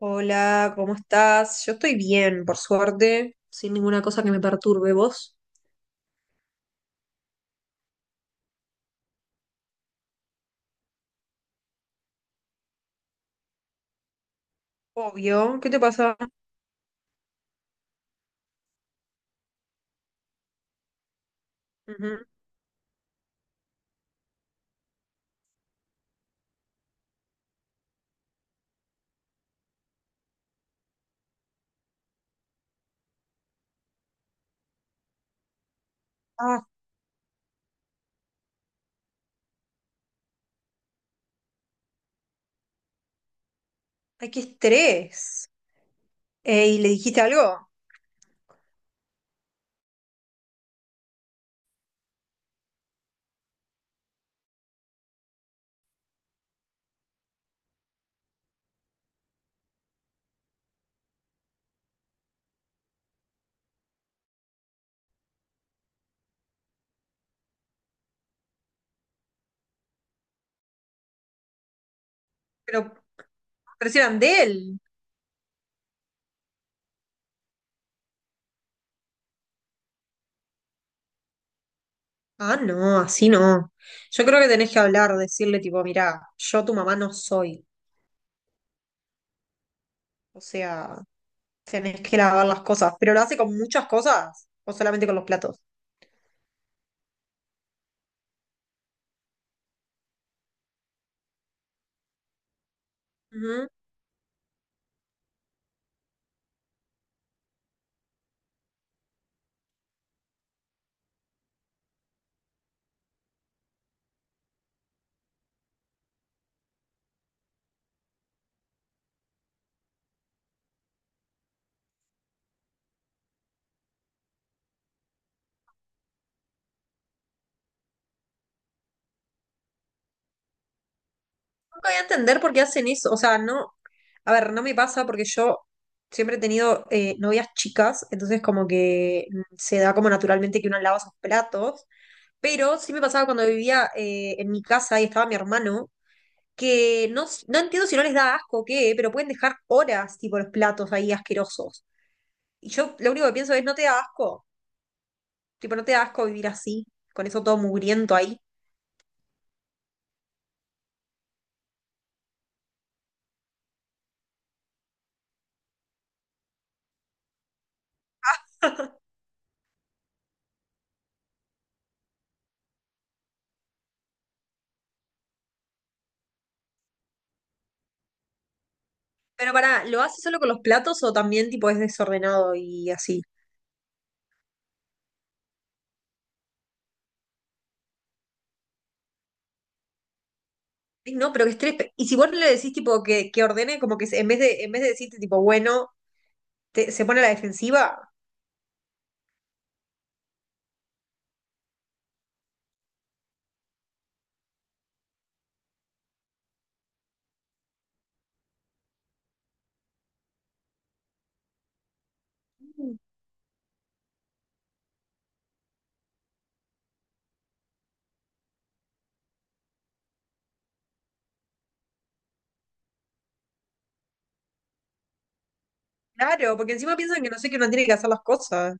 Hola, ¿cómo estás? Yo estoy bien, por suerte, sin ninguna cosa que me perturbe. ¿Vos? Obvio, ¿qué te pasa? Ujú. Ah, ay, qué estrés. ¿Le dijiste algo? Pero, pero si eran de él. Ah, no, así no. Yo creo que tenés que hablar, decirle tipo, mirá, yo tu mamá no soy. O sea, tenés que lavar las cosas. ¿Pero lo hace con muchas cosas o solamente con los platos? Nunca voy a entender por qué hacen eso. O sea, no. A ver, no me pasa porque yo siempre he tenido novias chicas, entonces como que se da como naturalmente que uno lava sus platos. Pero sí me pasaba cuando vivía en mi casa y estaba mi hermano, que no, no entiendo si no les da asco o qué, pero pueden dejar horas, tipo, los platos ahí asquerosos. Y yo lo único que pienso es, no te da asco. Tipo, no te da asco vivir así, con eso todo mugriento ahí. Pero pará, ¿lo haces solo con los platos o también, tipo, es desordenado y así? Ay, no, pero qué estrés. Y si vos no le decís tipo que ordene, como que en vez de decirte tipo bueno, se pone a la defensiva. Claro, porque encima piensan que no sé que uno tiene que hacer las cosas.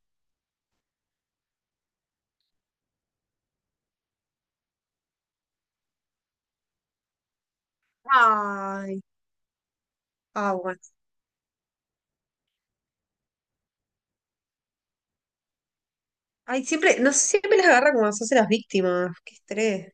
Ay, ah, bueno. Ay, siempre, no sé, siempre las agarra como se hace las víctimas. Qué estrés.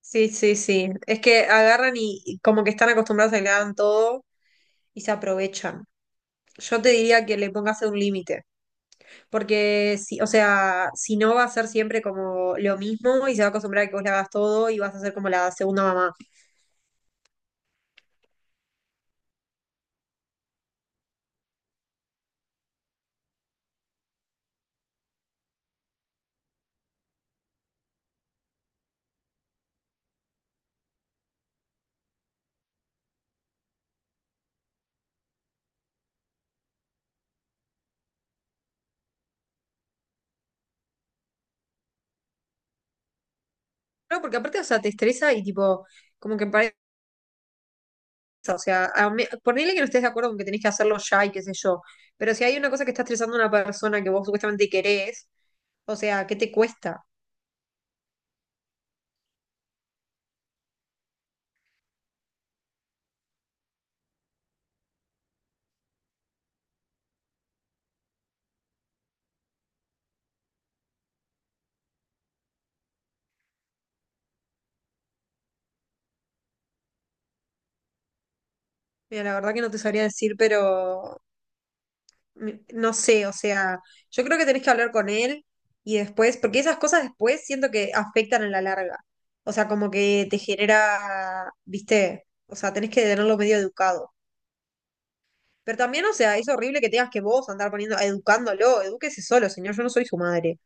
Sí, sí, sí. Es que agarran y como que están acostumbrados a que le hagan todo y se aprovechan. Yo te diría que le pongas un límite. Porque si, o sea, si no va a ser siempre como lo mismo y se va a acostumbrar a que vos le hagas todo y vas a ser como la segunda mamá. No, porque aparte, o sea, te estresa y tipo, como que parece, o sea, ponele que no estés de acuerdo con que tenés que hacerlo ya y qué sé yo, pero si hay una cosa que está estresando a una persona que vos supuestamente querés, o sea, ¿qué te cuesta? Mira, la verdad que no te sabría decir, pero no sé, o sea, yo creo que tenés que hablar con él y después, porque esas cosas después siento que afectan a la larga. O sea, como que te genera, viste, o sea, tenés que tenerlo medio educado. Pero también, o sea, es horrible que tengas que vos andar poniendo, educándolo, edúquese solo, señor, yo no soy su madre.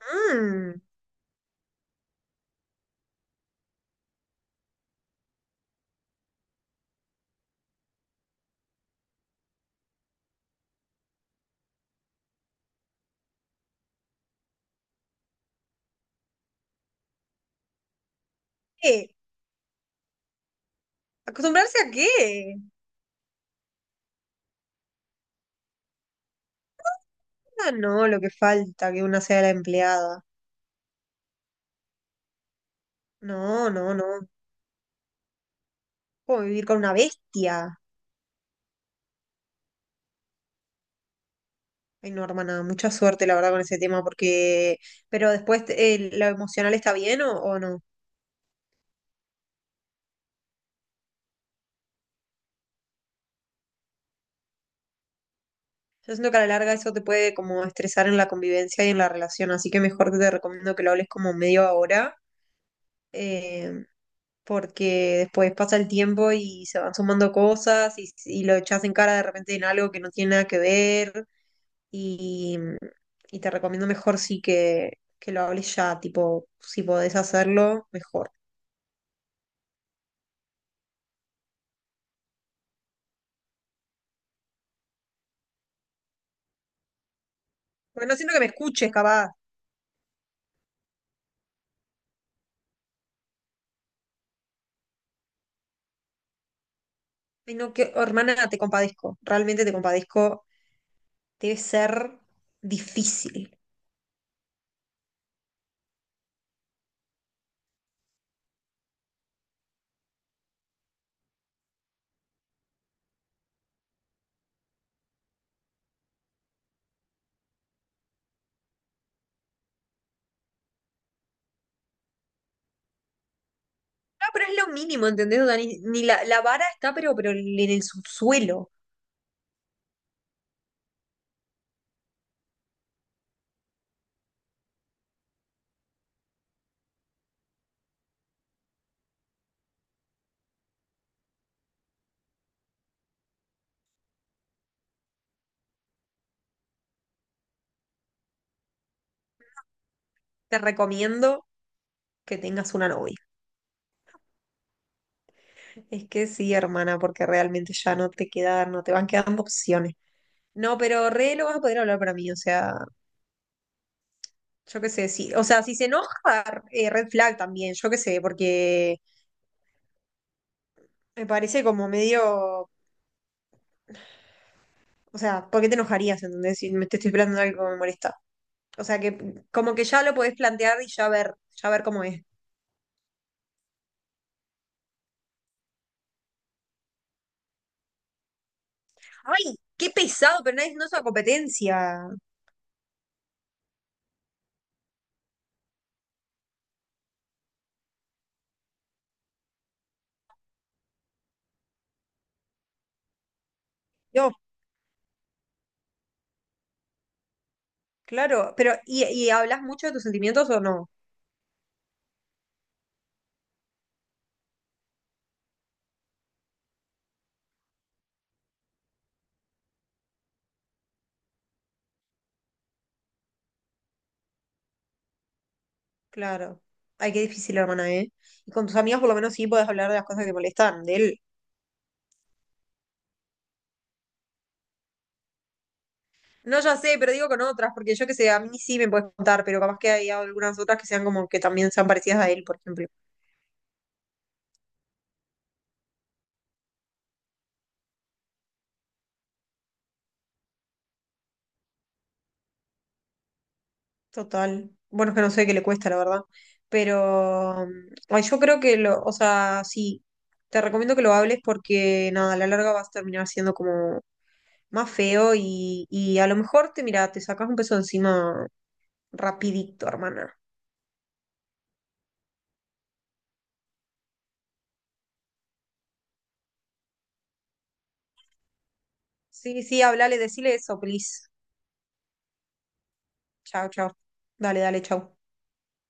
Mm, ¿qué? ¿Acostumbrarse a qué? Ah, no, lo que falta, que una sea la empleada. No, no, no. Como vivir con una bestia. Ay, no, hermana, mucha suerte, la verdad, con ese tema, porque... Pero después, ¿lo emocional está bien o no? Yo siento que a la larga eso te puede como estresar en la convivencia y en la relación, así que mejor te recomiendo que lo hables como medio ahora, eh, porque después pasa el tiempo y se van sumando cosas y lo echas en cara de repente en algo que no tiene nada que ver y, y te recomiendo mejor sí que lo hables ya, tipo, si podés hacerlo, mejor. Porque no siento que me escuches, capaz. Ay, no, que, oh, hermana, te compadezco, realmente te compadezco. Debe ser difícil. No, pero es lo mínimo, ¿entendés, Dani? Ni la vara está, pero en el subsuelo. Te recomiendo que tengas una novia. Es que sí, hermana, porque realmente ya no te queda no te van quedando opciones. No, pero re lo vas a poder hablar para mí, o sea, yo qué sé, sí. O sea, si se enoja, red flag también, yo qué sé, porque me parece como medio, o sea, ¿por qué te enojarías, entendés? Si me te estoy esperando algo que me molesta. O sea que como que ya lo podés plantear y ya ver cómo es. ¡Ay! ¡Qué pesado! Pero nadie no es una competencia. Yo, claro. Pero, ¿y hablas mucho de tus sentimientos o no? Claro. Ay, qué difícil, hermana, ¿eh? Y con tus amigas por lo menos sí podés hablar de las cosas que te molestan, de él. No, ya sé, pero digo con otras, porque yo que sé, a mí sí me puedes contar, pero capaz que hay algunas otras que sean como que también sean parecidas a él, por ejemplo. Total. Bueno, es que no sé qué le cuesta, la verdad. Pero ay, yo creo que lo, o sea, sí, te recomiendo que lo hables porque nada, a la larga vas a terminar siendo como más feo y a lo mejor te, mira, te sacas un peso de encima rapidito, hermana. Sí, sí, hablale, decile eso, please. Chao, chao. Dale, dale, chao.